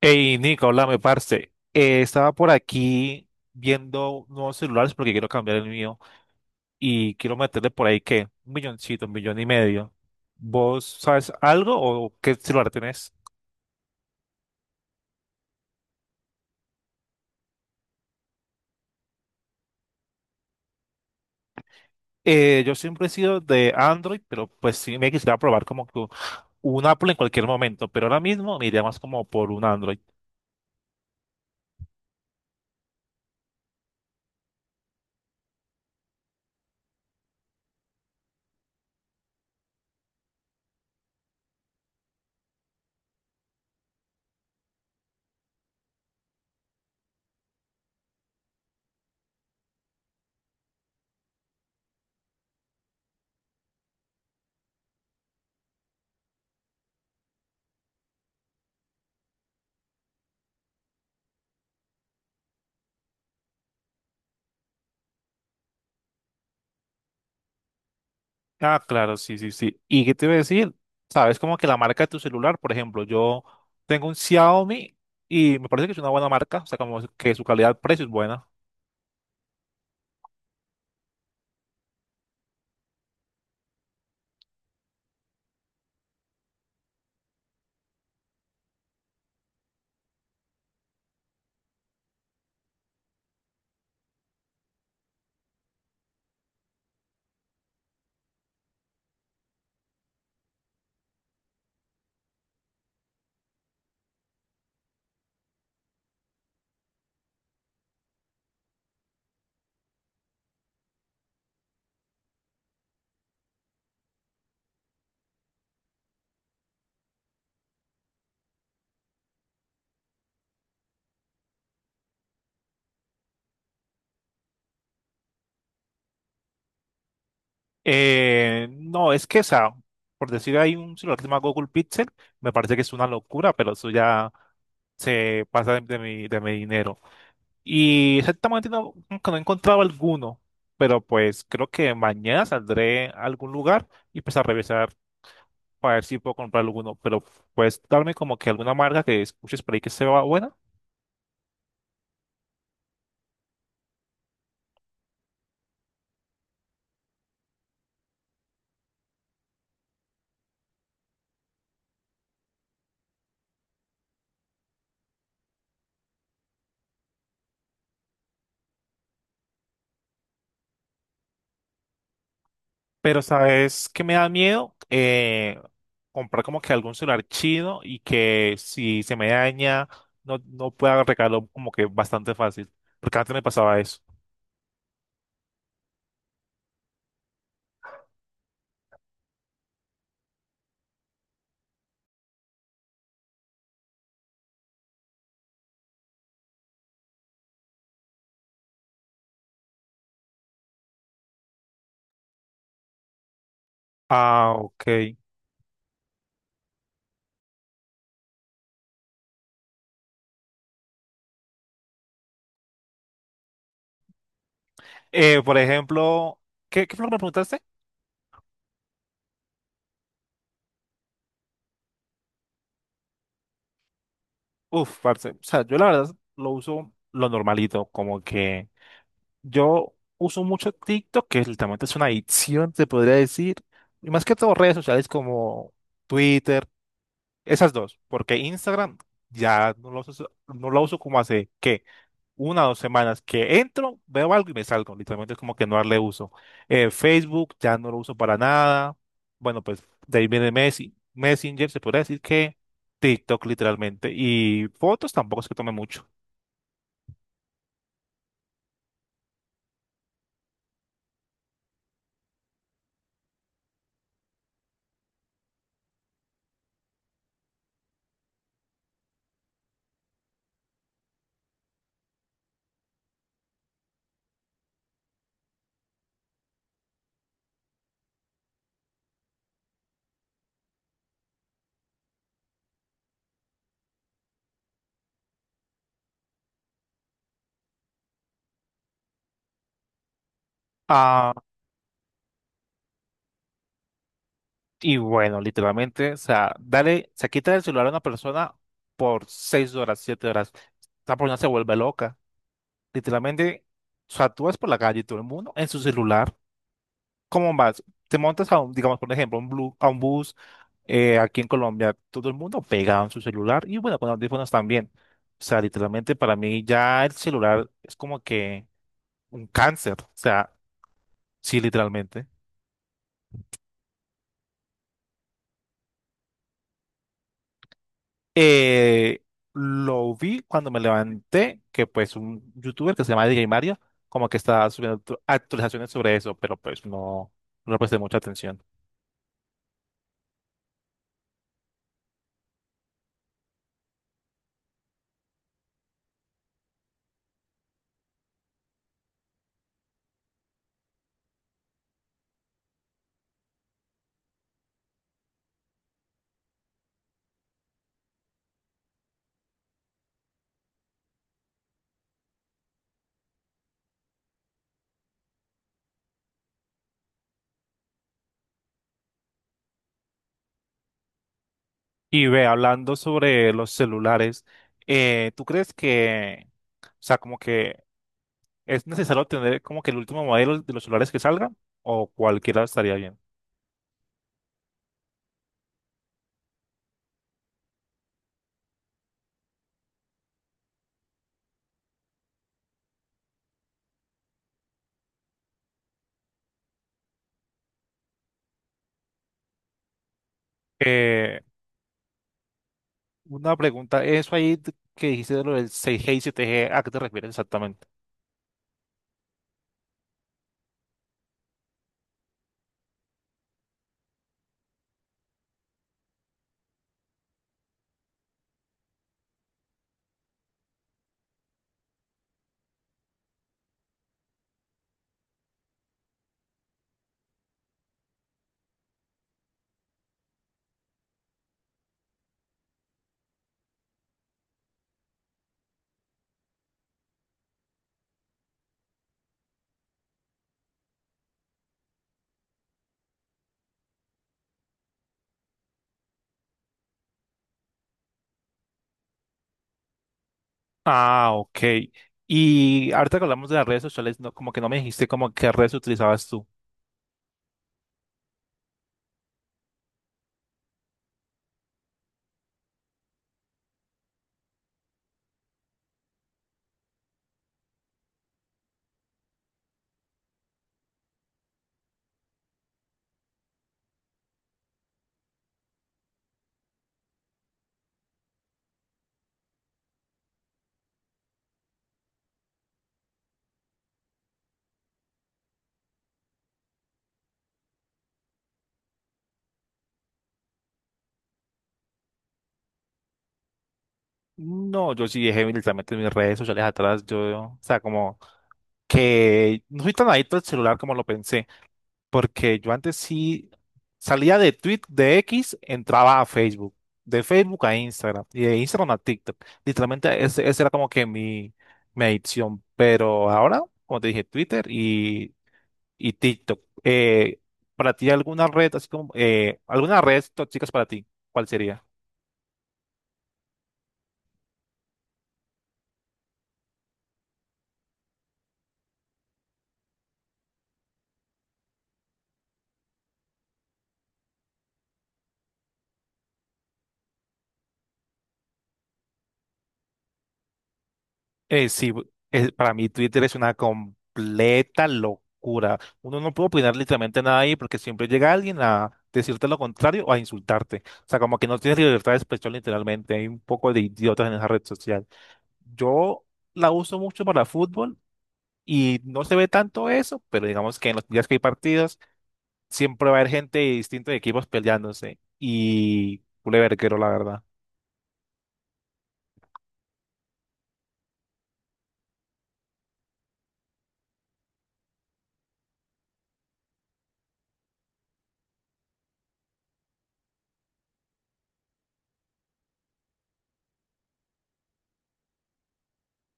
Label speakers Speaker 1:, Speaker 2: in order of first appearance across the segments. Speaker 1: Hey, Nico, háblame, parce. Estaba por aquí viendo nuevos celulares porque quiero cambiar el mío y quiero meterle por ahí que un milloncito, un millón y medio. ¿Vos sabes algo o qué celular tenés? Yo siempre he sido de Android, pero pues sí me quisiera probar como que un Apple en cualquier momento, pero ahora mismo me iría más como por un Android. Ah, claro, sí, sí, sí. ¿Y qué te iba a decir? Sabes como que la marca de tu celular, por ejemplo, yo tengo un Xiaomi y me parece que es una buena marca, o sea, como que su calidad-precio es buena. No, es que, o sea, por decir, hay un celular que se llama Google Pixel, me parece que es una locura, pero eso ya se pasa de mi dinero. Y exactamente no, como que no he encontrado alguno, pero pues creo que mañana saldré a algún lugar y pues a revisar para ver si puedo comprar alguno, pero puedes darme como que alguna marca que escuches por ahí que sea buena. Pero sabes que me da miedo. Comprar como que algún celular chino y que si se me daña no pueda arreglarlo como que bastante fácil, porque antes me pasaba eso. Ah, ok. Por ejemplo, ¿qué fue lo que me preguntaste? Uf, parce. O sea, yo la verdad lo uso lo normalito, como que yo uso mucho TikTok, que literalmente es una adicción, se podría decir, y más que todo redes sociales como Twitter, esas dos, porque Instagram ya no lo uso como hace, ¿qué? Una o dos semanas que entro, veo algo y me salgo. Literalmente es como que no darle uso. Facebook ya no lo uso para nada. Bueno, pues de ahí viene Messi. Messenger se podría decir que TikTok literalmente. Y fotos tampoco es que tome mucho. Ah, y bueno, literalmente, o sea, dale, se quita el celular a una persona por 6 horas, 7 horas. Esa persona se vuelve loca. Literalmente, o sea, tú vas por la calle y todo el mundo en su celular. ¿Cómo vas? Te montas a un, digamos, por ejemplo, a un bus aquí en Colombia, todo el mundo pegado en su celular y bueno, con audífonos también. O sea, literalmente para mí ya el celular es como que un cáncer. O sea, sí, literalmente. Eh, lo vi cuando me levanté, que pues un youtuber que se llama DJ Mario, como que estaba subiendo actualizaciones sobre eso, pero pues no, no le presté mucha atención. Y ve, hablando sobre los celulares, ¿tú crees que, o sea, como que es necesario tener como que el último modelo de los celulares que salgan o cualquiera estaría bien? Eh, una pregunta, eso ahí que dijiste de lo del 6G y 7G, ¿a qué te refieres exactamente? Ah, ok. Y ahorita que hablamos de las redes sociales, no, como que no me dijiste como qué redes utilizabas tú. No, yo sí dejé literalmente mis redes sociales atrás, yo, o sea, como que no soy tan adicto al celular como lo pensé. Porque yo antes sí salía de Twitter, de X, entraba a Facebook, de Facebook a Instagram y de Instagram a TikTok. Literalmente ese era como que mi adicción. Pero ahora, como te dije, Twitter y TikTok. ¿Para ti alguna red, así como, alguna red tóxicas para ti? ¿Cuál sería? Sí, para mí Twitter es una completa locura. Uno no puede opinar literalmente nada ahí porque siempre llega alguien a decirte lo contrario o a insultarte. O sea, como que no tienes libertad de expresión literalmente. Hay un poco de idiotas en esa red social. Yo la uso mucho para fútbol y no se ve tanto eso, pero digamos que en los días que hay partidos siempre va a haber gente de distintos equipos peleándose y culeverguero, la verdad.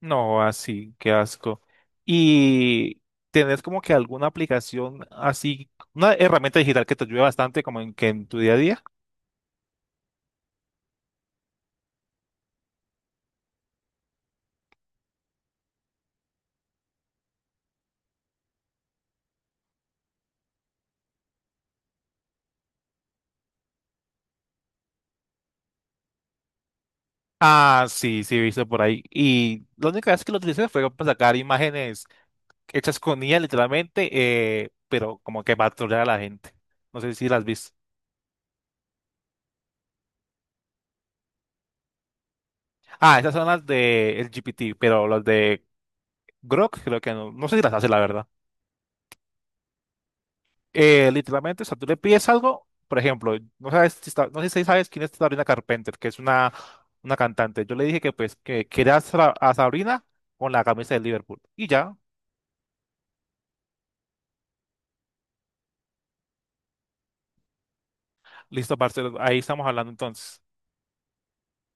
Speaker 1: No, así, qué asco. Y tenés como que alguna aplicación así, una herramienta digital que te ayude bastante como en, que en tu día a día. Ah, sí, sí, he visto por ahí. Y la única vez que lo utilicé fue para sacar imágenes hechas con IA literalmente, pero como que para trolear a la gente. No sé si las viste. Ah, esas son las de el GPT, pero las de Grok creo que no. No sé si las hace, la verdad. Literalmente, o sea, tú le pides algo, por ejemplo, no sé si sabes quién es Sabrina Carpenter, que es una cantante. Yo le dije que pues que quería a Sabrina con la camisa de Liverpool. Y ya, listo, Marcelo, ahí estamos hablando entonces.